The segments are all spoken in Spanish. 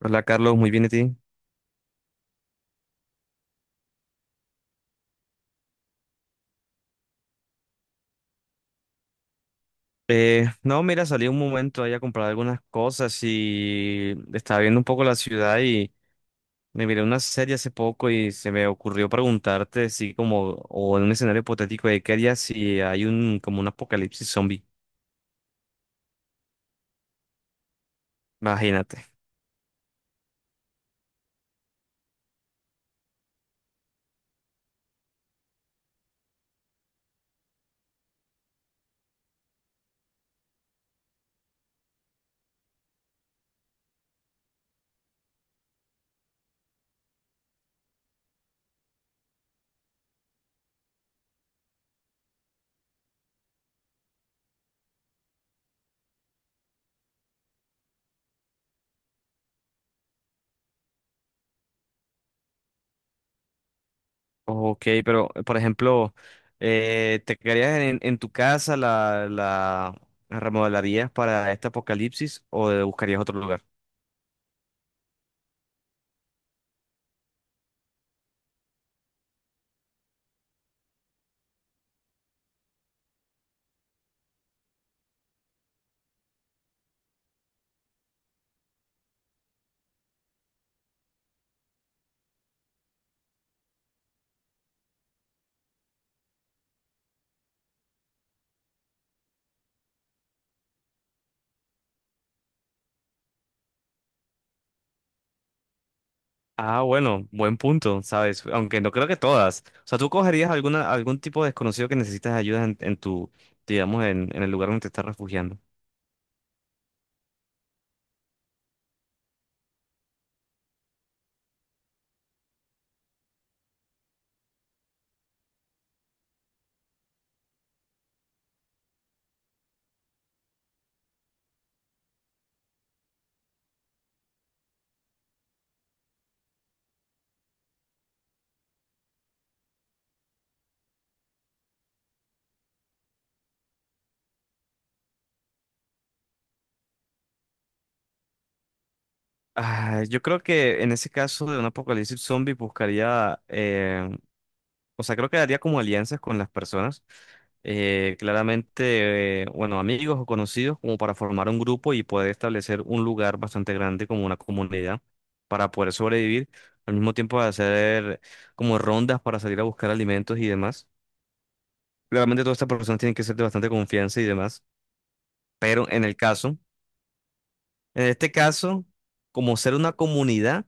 Hola Carlos, muy bien, ¿y ti? No, mira, salí un momento ahí a comprar algunas cosas y estaba viendo un poco la ciudad y me miré una serie hace poco y se me ocurrió preguntarte si como, o en un escenario hipotético de qué harías si hay como un apocalipsis zombie, imagínate. Ok, pero por ejemplo, ¿te quedarías en tu casa, la remodelarías para este apocalipsis o buscarías otro lugar? Ah, bueno, buen punto, ¿sabes? Aunque no creo que todas. O sea, tú cogerías algún tipo de desconocido que necesitas ayuda en tu, digamos, en el lugar donde te estás refugiando. Ah, yo creo que en ese caso de un apocalipsis zombie buscaría. O sea, creo que haría como alianzas con las personas, claramente, bueno, amigos o conocidos, como para formar un grupo y poder establecer un lugar bastante grande como una comunidad para poder sobrevivir, al mismo tiempo hacer como rondas para salir a buscar alimentos y demás. Claramente todas estas personas tienen que ser de bastante confianza y demás, pero en este caso, como ser una comunidad.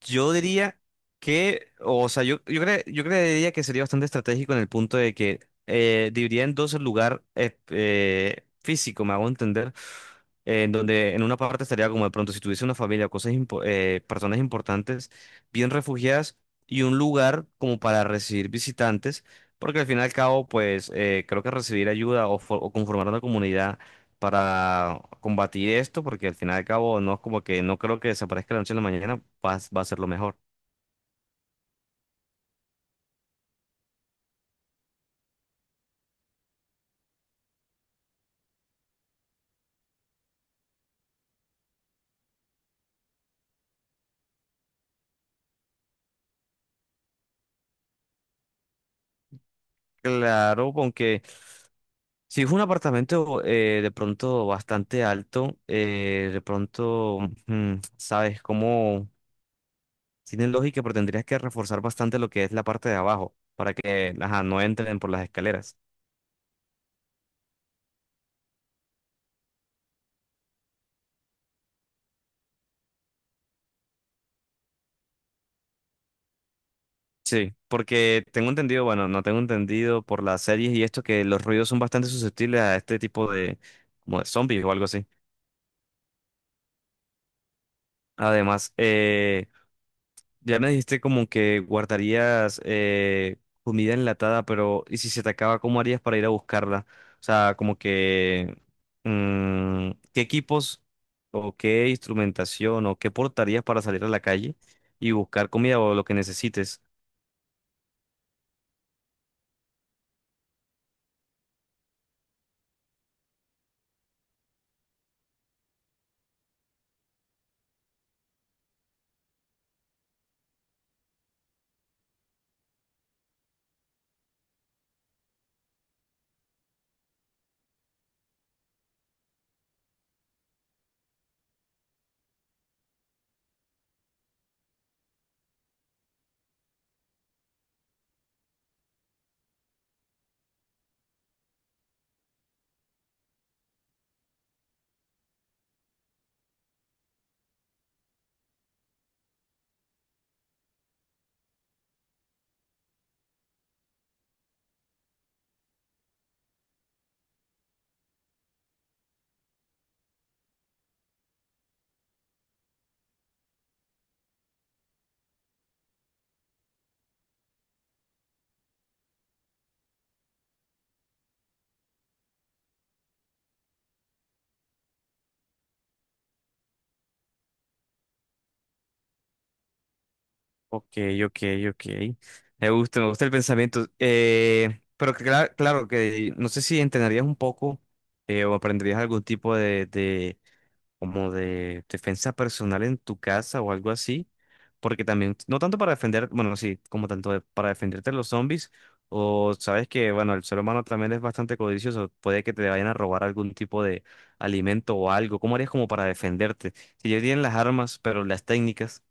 Yo diría que, o sea, yo creería que sería bastante estratégico en el punto de que dividiría en dos el lugar físico, me hago entender, en donde en una parte estaría como de pronto si tuviese una familia o personas importantes, bien refugiadas, y un lugar como para recibir visitantes, porque al fin y al cabo, pues creo que recibir ayuda o conformar una comunidad para combatir esto, porque al final y al cabo no es como que no creo que desaparezca la noche en la mañana, va a ser lo mejor. Claro, aunque si es un apartamento de pronto bastante alto, de pronto, sabes, cómo tiene lógica, pero tendrías que reforzar bastante lo que es la parte de abajo para que ajá, no entren por las escaleras. Sí, porque tengo entendido, bueno, no tengo entendido por las series y esto que los ruidos son bastante susceptibles a este tipo de, como de zombies o algo así. Además, ya me dijiste como que guardarías comida enlatada, pero ¿y si se te acaba, cómo harías para ir a buscarla? O sea, como que ¿qué equipos o qué instrumentación o qué portarías para salir a la calle y buscar comida o lo que necesites? Ok, ok, ok. Me gusta el pensamiento. Pero claro que no sé si entrenarías un poco o aprenderías algún tipo de, como de defensa personal en tu casa o algo así, porque también, no tanto para defender, bueno, sí, como tanto para defenderte de los zombies, o sabes que, bueno, el ser humano también es bastante codicioso, puede que te vayan a robar algún tipo de alimento o algo, ¿cómo harías como para defenderte? Si ya tienen las armas, pero las técnicas.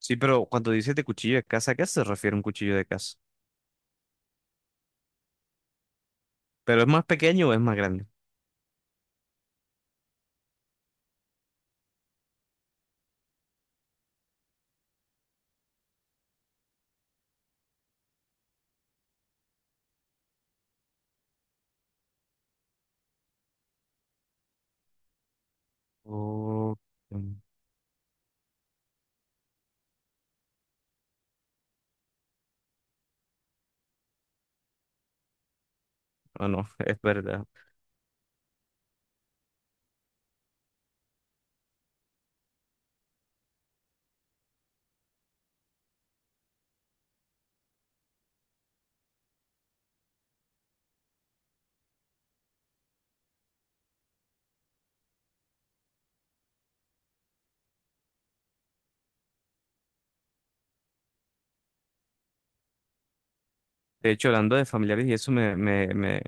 Sí, pero cuando dices de cuchillo de casa, ¿a qué se refiere un cuchillo de casa? ¿Pero es más pequeño o es más grande? Oh, mm, ah, no, es verdad. De hecho, hablando de familiares y eso me,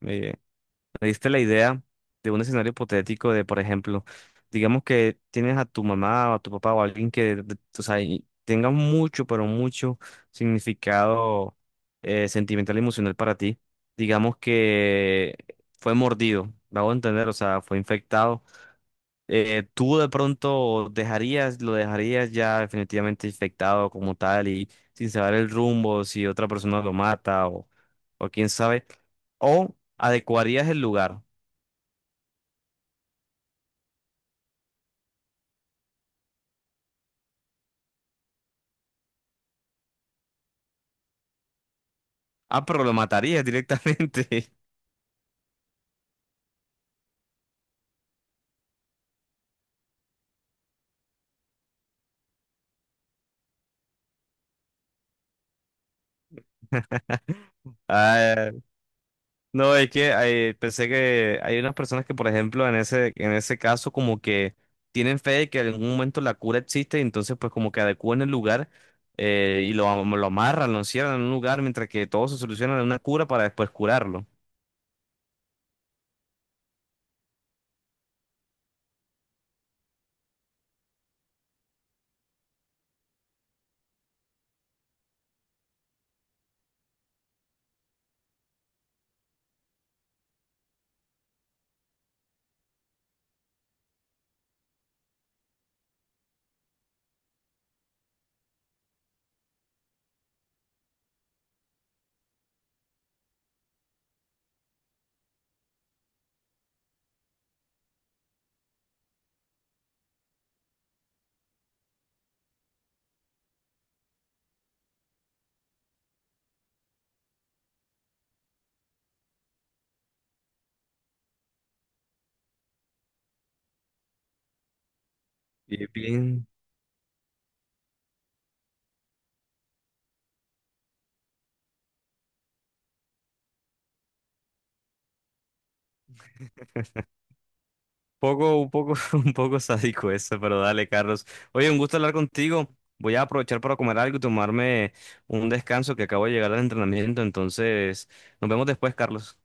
Me diste la idea de un escenario hipotético de, por ejemplo, digamos que tienes a tu mamá o a tu papá o a alguien que, o sea, y tenga mucho, pero mucho significado sentimental y emocional para ti. Digamos que fue mordido, me hago entender, o sea, fue infectado. Tú de pronto lo dejarías ya definitivamente infectado como tal y sin saber el rumbo, si otra persona lo mata o quién sabe, o adecuarías el lugar. Ah, pero lo matarías directamente. Ah, no, es que pensé que hay unas personas que, por ejemplo, en ese caso, como que tienen fe de que en algún momento la cura existe y entonces, pues, como que adecúan el lugar y lo amarran, lo encierran en un lugar mientras que todo se soluciona en una cura para después curarlo. Y bien un poco, un poco sádico eso, pero dale, Carlos. Oye, un gusto hablar contigo. Voy a aprovechar para comer algo y tomarme un descanso que acabo de llegar al entrenamiento. Entonces, nos vemos después, Carlos.